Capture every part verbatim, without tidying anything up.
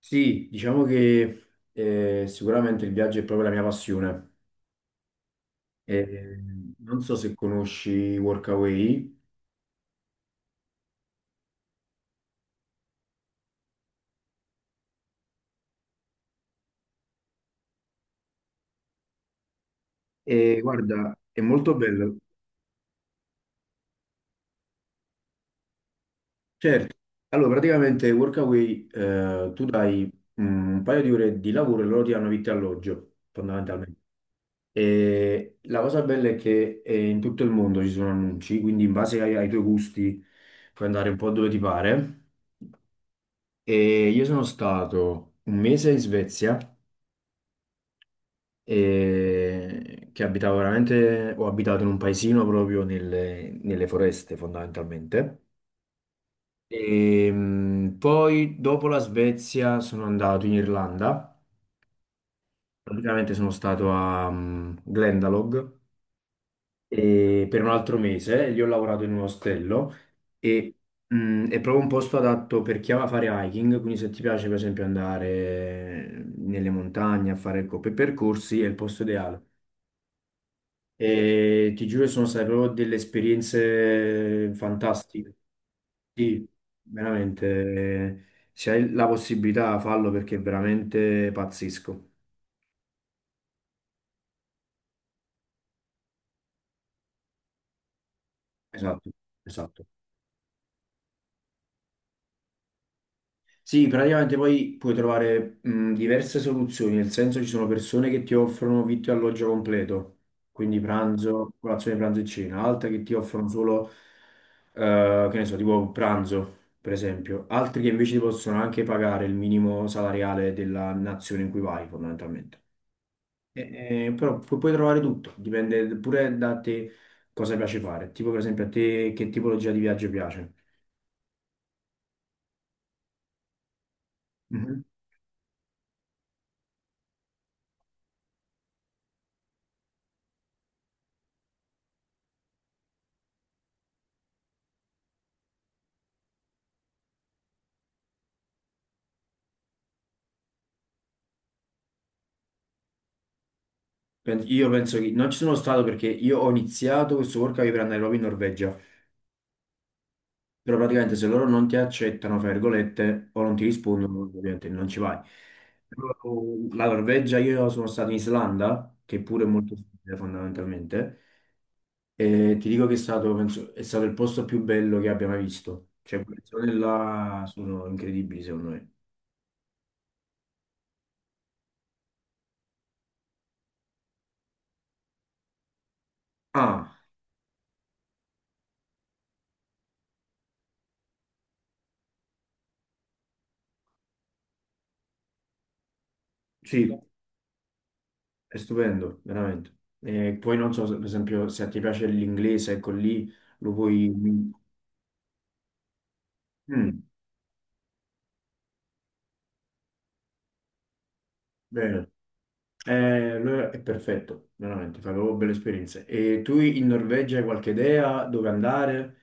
Sì, diciamo che eh, sicuramente il viaggio è proprio la mia passione. Eh, Non so se conosci Workaway. Eh, guarda, è molto bello. Certo. Allora, praticamente Workaway, eh, tu dai mm, un paio di ore di lavoro e loro ti danno vitto e alloggio, fondamentalmente. E la cosa bella è che eh, in tutto il mondo ci sono annunci, quindi in base ai, ai tuoi gusti puoi andare un po' dove ti pare. E io sono stato un mese in Svezia. E che abitavo veramente, ho abitato in un paesino proprio nelle, nelle foreste fondamentalmente. E, mh, poi dopo la Svezia sono andato in Irlanda, praticamente sono stato a mh, Glendalough e per un altro mese, lì ho lavorato in un ostello e mh, è proprio un posto adatto per chi ama fare hiking, quindi se ti piace per esempio andare nelle montagne a fare co- per percorsi è il posto ideale. E ti giuro, sono state proprio delle esperienze fantastiche. Sì, veramente. Se hai la possibilità, fallo perché è veramente pazzesco. Esatto, esatto. Sì, praticamente poi puoi trovare mh, diverse soluzioni, nel senso ci sono persone che ti offrono vitto e alloggio completo, quindi pranzo, colazione, pranzo e cena, altre che ti offrono solo, eh, che ne so, tipo pranzo, per esempio, altri che invece ti possono anche pagare il minimo salariale della nazione in cui vai, fondamentalmente. E- e- però pu- puoi trovare tutto, dipende pure da te cosa piace fare, tipo per esempio a te che tipologia di viaggio piace. Pen- Io penso che non ci sono stato perché io ho iniziato questo workaway per andare proprio in Norvegia, però praticamente se loro non ti accettano, fra virgolette, o non ti rispondono, ovviamente non ci vai. Però la Norvegia, io sono stato in Islanda, che pure è molto simile fondamentalmente, e ti dico che è stato, penso, è stato il posto più bello che abbia mai visto. Cioè, quelle zone là sono incredibili secondo me. Ah, sì, è stupendo, veramente. E poi non so, se- per esempio, se ti piace l'inglese, ecco lì lo puoi... Mm, bene. Eh, allora è perfetto, veramente, fai proprio belle esperienze. E tu in Norvegia hai qualche idea dove andare?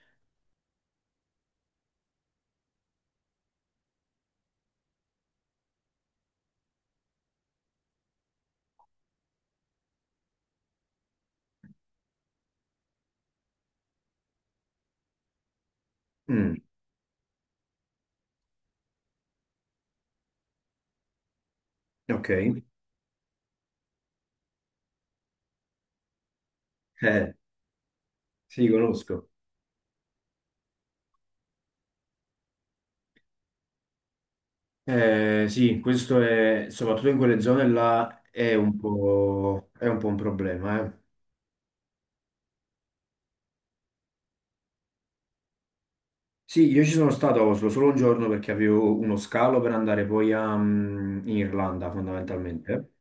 Mm, ok. Eh, sì, conosco. Eh, sì, questo è, soprattutto in quelle zone là, è un po', è un po' un problema, eh. Sì, io ci sono stato a Oslo solo un giorno perché avevo uno scalo per andare poi a, mm, in Irlanda fondamentalmente.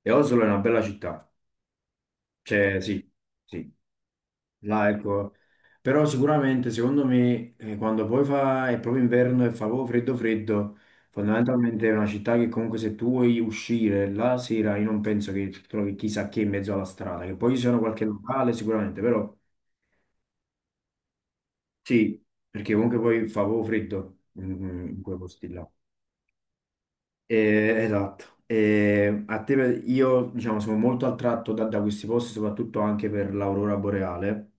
E Oslo è una bella città, cioè sì, sì, là ecco. Però sicuramente secondo me eh, quando poi fa, è proprio inverno e fa proprio freddo freddo, fondamentalmente è una città che comunque se tu vuoi uscire la sera io non penso che trovi chissà che in mezzo alla strada, che poi ci sono qualche locale sicuramente, però sì, perché comunque poi fa proprio freddo in in quei posti là. Eh, esatto. Eh, a te- per- io diciamo sono molto attratto da, da questi posti, soprattutto anche per l'aurora boreale.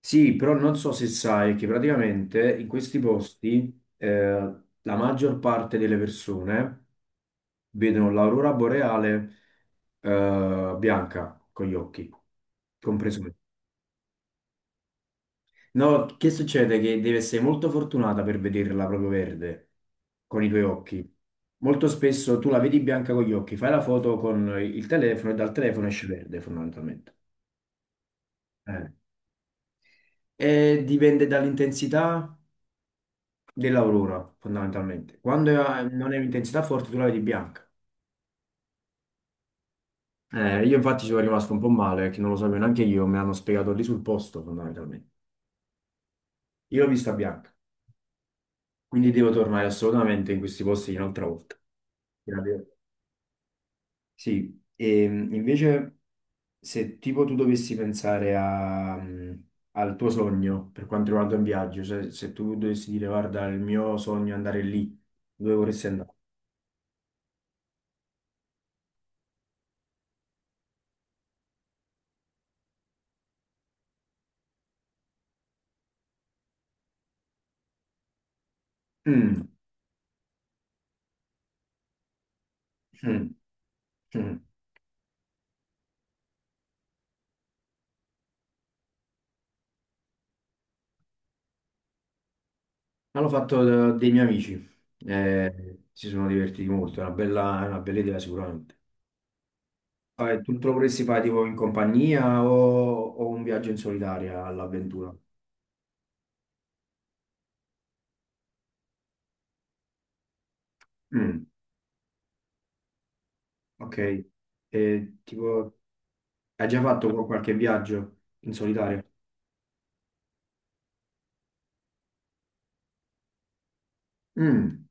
Sì, però non so se sai che praticamente in questi posti eh, la maggior parte delle persone vedono l'aurora boreale eh, bianca con gli occhi, compreso me. No, che succede? Che devi essere molto fortunata per vederla proprio verde con i tuoi occhi. Molto spesso tu la vedi bianca con gli occhi, fai la foto con il telefono e dal telefono esce verde fondamentalmente. Eh. E dipende dall'intensità dell'aurora fondamentalmente. Quando è- non è un'intensità forte tu la vedi bianca. Eh, io infatti ci sono rimasto un po' male perché non lo sapevo neanche io, me l'hanno spiegato lì sul posto fondamentalmente. Io l'ho vista bianca, quindi devo tornare assolutamente in questi posti un'altra volta. Grazie. Sì, e mh, invece se tipo tu dovessi pensare a, mh, al tuo sogno per quanto riguarda un viaggio, cioè se tu dovessi dire guarda il mio sogno è andare lì, dove vorresti andare? Mm, mm, mm. Ma l'ho fatto da- dei miei amici, eh, si sono divertiti molto, è una bella, è una bella idea sicuramente. Ah, e tu te lo vorresti fare tipo in compagnia o, o un viaggio in solitaria all'avventura? Mm, ok. E tipo... Hai già fatto qua qualche viaggio in solitario? Mm.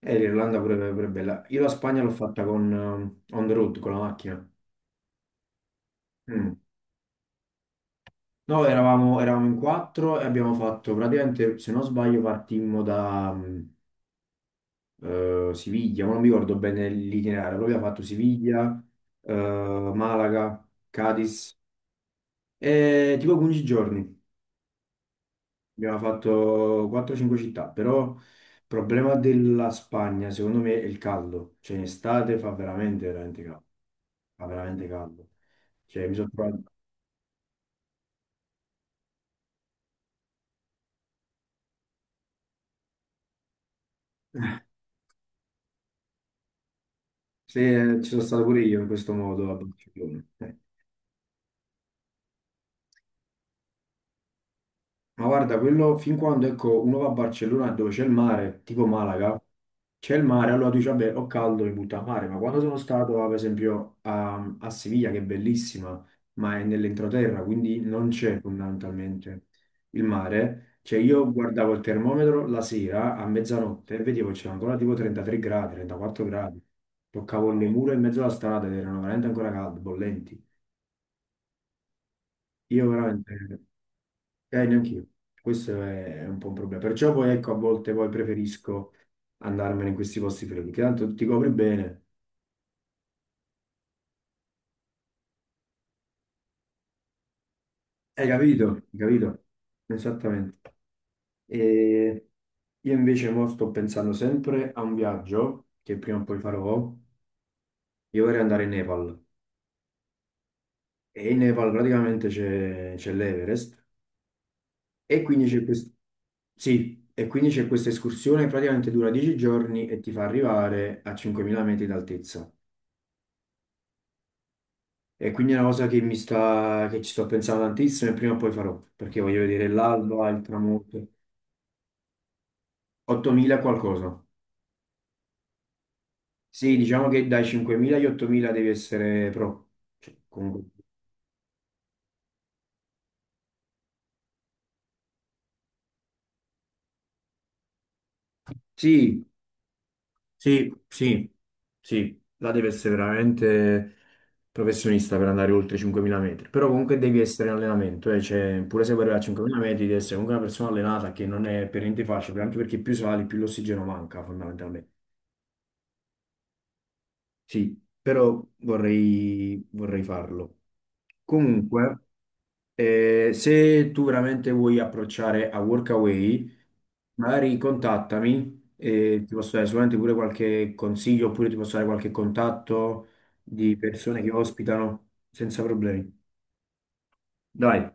Eh, l'Irlanda pure, pure bella. Io la Spagna l'ho fatta con eh, on the road, con la macchina. Mm. No, eravamo, eravamo in quattro e abbiamo fatto praticamente, se non sbaglio, partimmo da mh, eh, Siviglia, ma non mi ricordo bene l'itinerario, poi abbiamo fatto Siviglia, eh, Malaga, Cadiz, e tipo quindici giorni. Abbiamo fatto quattro o cinque città, però il problema della Spagna, secondo me, è il caldo. Cioè, in estate fa veramente, veramente caldo. Fa veramente caldo. Cioè, mi sono trovato... Sì, eh, ci sono stato pure io in questo modo a Barcellona. Eh. Ma guarda, quello fin quando ecco, uno va a Barcellona dove c'è il mare, tipo Malaga, c'è il mare, allora tu dici, vabbè, ho caldo, mi butto a mare, ma quando sono stato, ah, per esempio, a, a Siviglia, che è bellissima, ma è nell'entroterra, quindi non c'è fondamentalmente il mare, cioè io guardavo il termometro la sera a mezzanotte e vedevo che c'era ancora tipo trentatré gradi, trentaquattro gradi, toccavo le mura in mezzo alla strada ed erano veramente ancora calde, bollenti. Io veramente... Eh, neanch'io. Questo è, è un po' un problema. Perciò poi ecco, a volte poi preferisco andarmene in questi posti freddi, che tanto ti copri bene. Hai capito? Hai capito? Esattamente. E io invece mo sto pensando sempre a un viaggio che prima o poi farò. Io vorrei andare in Nepal. E in Nepal praticamente c'è c'è l'Everest. E quindi c'è questo... Sì, e quindi c'è questa escursione, praticamente dura dieci giorni e ti fa arrivare a cinquemila metri d'altezza. E quindi è una cosa che mi sta, che ci sto pensando tantissimo e prima o poi farò, perché voglio vedere l'alba, il tramonto. ottomila qualcosa. Sì, diciamo che dai cinquemila agli ottomila devi essere pro. Cioè, comunque... Sì, sì, sì, sì, là devi essere veramente professionista per andare oltre i cinquemila metri, però comunque devi essere in allenamento, eh, cioè, pure se vuoi arrivare a cinquemila metri devi essere comunque una persona allenata che non è per niente facile, anche perché più sali più l'ossigeno manca fondamentalmente. Sì, però vorrei, vorrei farlo. Comunque, eh, se tu veramente vuoi approcciare a Workaway, magari contattami e ti posso dare sicuramente pure qualche consiglio oppure ti posso dare qualche contatto di persone che ospitano senza problemi. Dai.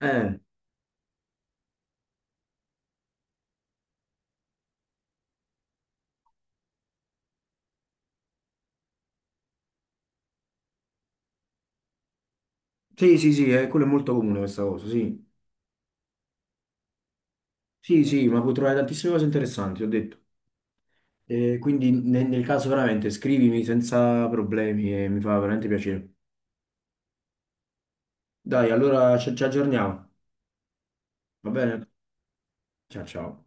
Eh, sì, sì, sì, eh, quello è molto comune questa cosa, sì. Sì, sì, ma puoi trovare tantissime cose interessanti, ho detto. Eh, quindi ne- nel caso veramente scrivimi senza problemi e mi fa veramente piacere. Dai, allora ci ci aggiorniamo. Va bene? Ciao ciao.